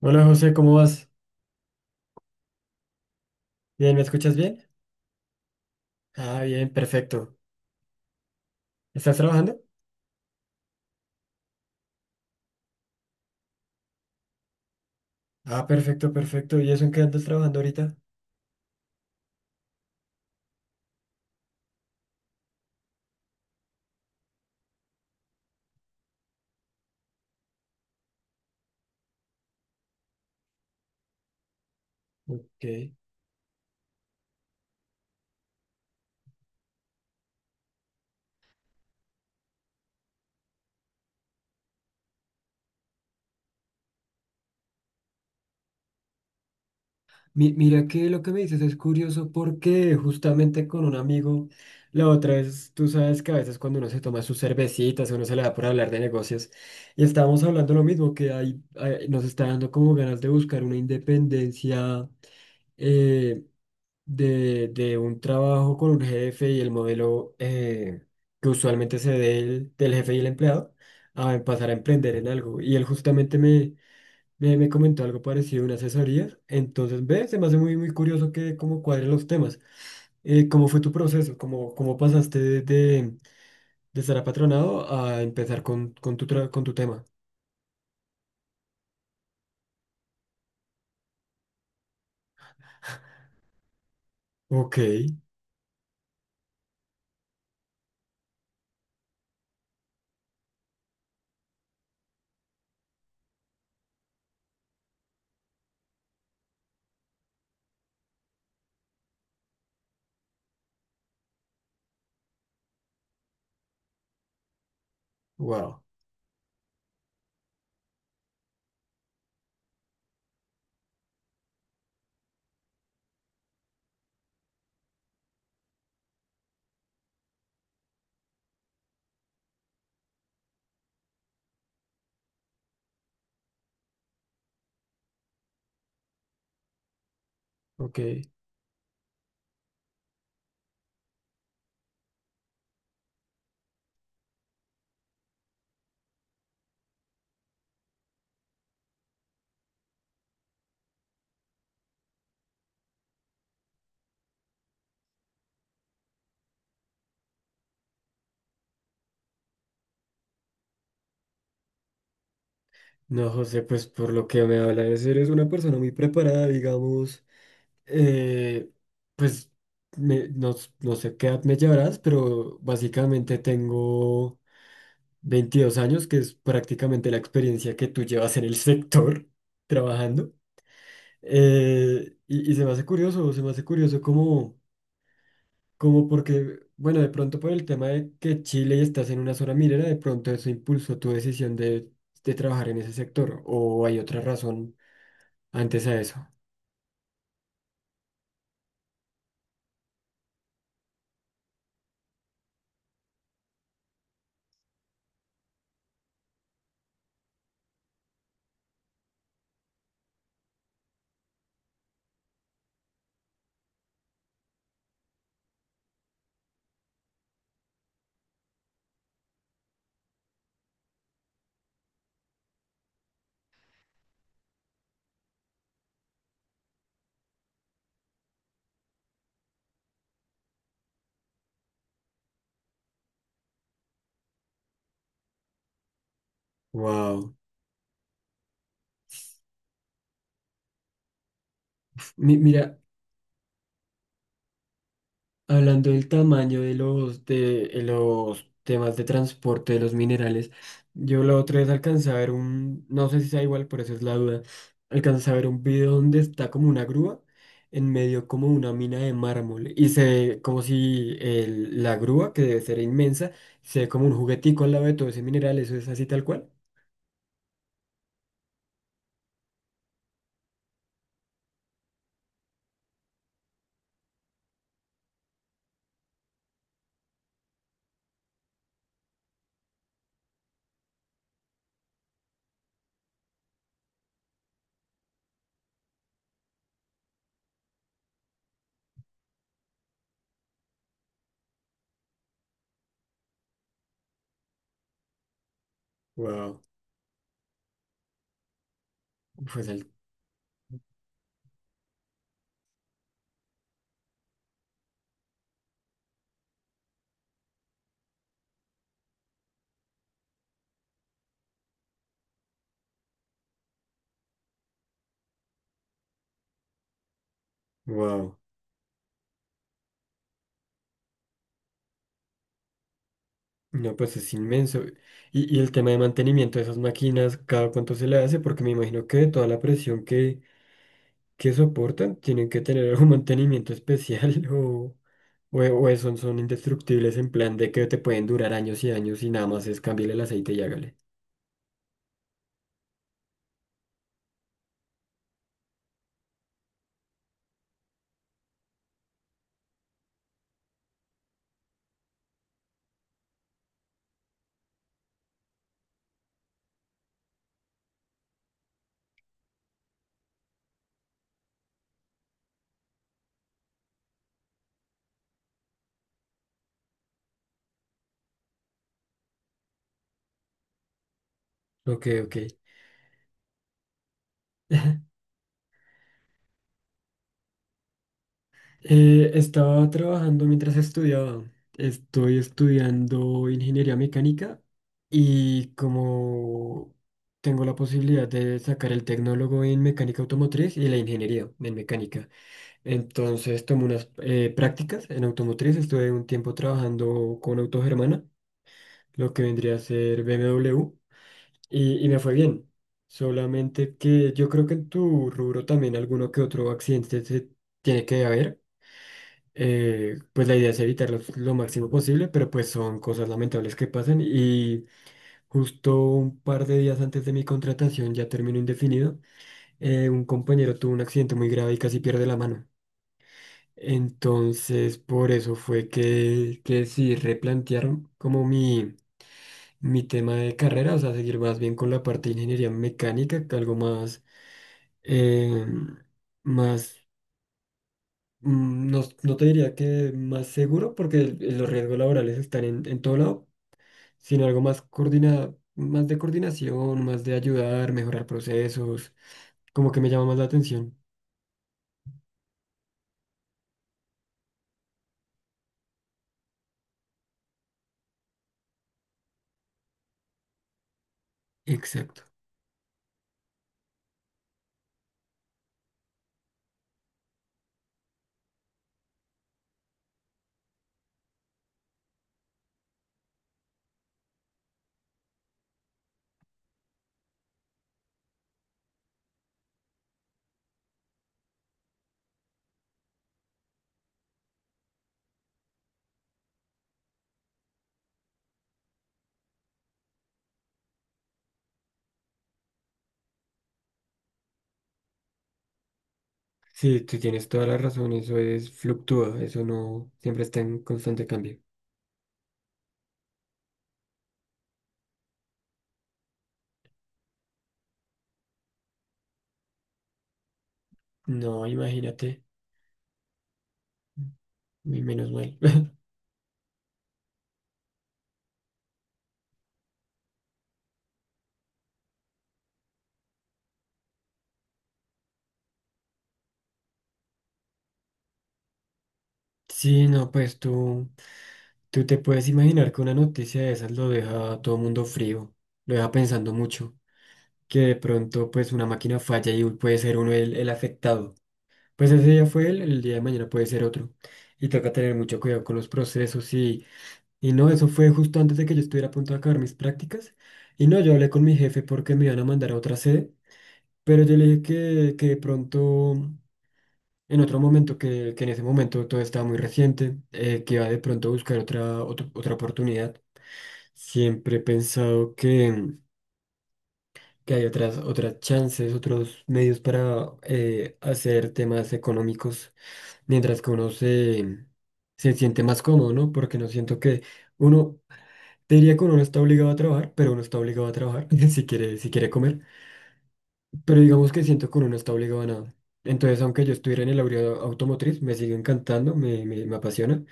Hola José, ¿cómo vas? Bien, ¿me escuchas bien? Ah, bien, perfecto. ¿Estás trabajando? Ah, perfecto, perfecto. ¿Y eso en qué andas trabajando ahorita? Ok. Mira que lo que me dices es curioso porque justamente con un amigo, la otra vez, tú sabes que a veces cuando uno se toma sus cervecitas, uno se le da por hablar de negocios, y estábamos hablando lo mismo, que nos está dando como ganas de buscar una independencia. eh, de un trabajo con un jefe y el modelo que usualmente se del jefe y el empleado a pasar a emprender en algo. Y él justamente me comentó algo parecido, una asesoría. Entonces, ve, se me hace muy curioso que cómo cuadren los temas. ¿Cómo fue tu proceso? ¿Cómo pasaste de estar apatronado a empezar con con tu tema? Ok, wow, ok. No, José, pues por lo que me hablas, eres una persona muy preparada, digamos. Eh, pues no, no sé qué edad me llevarás, pero básicamente tengo 22 años, que es prácticamente la experiencia que tú llevas en el sector trabajando. Y se me hace curioso, se me hace curioso como porque, bueno, de pronto por el tema de que Chile y estás en una zona minera, de pronto eso impulsó tu decisión de trabajar en ese sector, o hay otra razón antes a eso. Wow. Mi- mira, Hablando del tamaño de de los temas de transporte de los minerales, yo la otra vez alcancé a ver un, no sé si sea igual, por eso es la duda, alcancé a ver un video donde está como una grúa en medio como una mina de mármol y se ve como si la grúa, que debe ser inmensa, se ve como un juguetico al lado de todo ese mineral, eso es así tal cual. Wow, fue el, wow. No, pues es inmenso. Y el tema de mantenimiento de esas máquinas, ¿cada cuánto se le hace? Porque me imagino que de toda la presión que soportan, tienen que tener algún mantenimiento especial o son, son indestructibles en plan de que te pueden durar años y años y nada más es cambiarle el aceite y hágale. Ok, ok. Estaba trabajando mientras estudiaba. Estoy estudiando ingeniería mecánica y como tengo la posibilidad de sacar el tecnólogo en mecánica automotriz y la ingeniería en mecánica. Entonces tomé unas prácticas en automotriz. Estuve un tiempo trabajando con Autogermana, lo que vendría a ser BMW, y me fue bien. Solamente que yo creo que en tu rubro también alguno que otro accidente se tiene que haber pues la idea es evitarlos lo máximo posible, pero pues son cosas lamentables que pasan y justo un par de días antes de mi contratación, ya término indefinido, un compañero tuvo un accidente muy grave y casi pierde la mano. Entonces, por eso fue que sí replantear como mi tema de carrera, o sea, seguir más bien con la parte de ingeniería mecánica, que algo más, eh, más no, no te diría que más seguro, porque los riesgos laborales están en todo lado, sino algo más coordina, más de coordinación, más de ayudar, mejorar procesos, como que me llama más la atención. Exacto. Sí, tú tienes toda la razón, eso es fluctúa, eso no siempre está en constante cambio. No, imagínate, y menos mal. Sí, no, tú te puedes imaginar que una noticia de esas lo deja a todo mundo frío, lo deja pensando mucho. Que de pronto pues una máquina falla y puede ser uno el afectado. Pues ese día fue él, el día de mañana puede ser otro. Y toca tener mucho cuidado con los procesos y no, eso fue justo antes de que yo estuviera a punto de acabar mis prácticas. Y no, yo hablé con mi jefe porque me iban a mandar a otra sede, pero yo le dije que de pronto, en otro momento, que en ese momento todo estaba muy reciente, que iba de pronto a buscar otra oportunidad. Siempre he pensado que hay otras, otras chances, otros medios para hacer temas económicos, mientras que se siente más cómodo, ¿no? Porque no siento que uno, te diría que uno no está obligado a trabajar, pero uno está obligado a trabajar si quiere, si quiere comer. Pero digamos que siento que uno no está obligado a nada. Entonces, aunque yo estuviera en el área automotriz, me sigue encantando, me apasiona.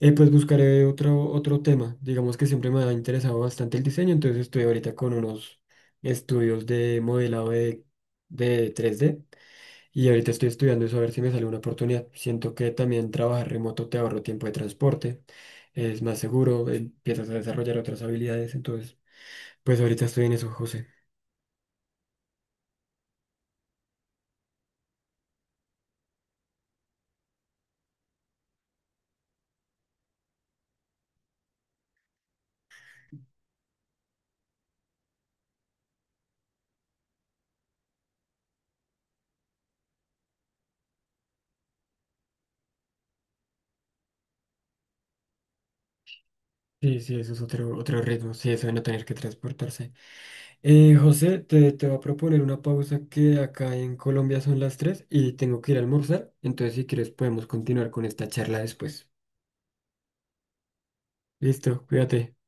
Pues buscaré otro, otro tema. Digamos que siempre me ha interesado bastante el diseño, entonces estoy ahorita con unos estudios de modelado de 3D y ahorita estoy estudiando eso a ver si me sale una oportunidad. Siento que también trabajar remoto te ahorro tiempo de transporte, es más seguro, empiezas a desarrollar otras habilidades, entonces, pues ahorita estoy en eso, José. Sí, sí, eso es otro, otro ritmo, sí, eso de no tener que transportarse. José, te voy a proponer una pausa que acá en Colombia son las 3 y tengo que ir a almorzar, entonces si quieres podemos continuar con esta charla después. Listo, cuídate.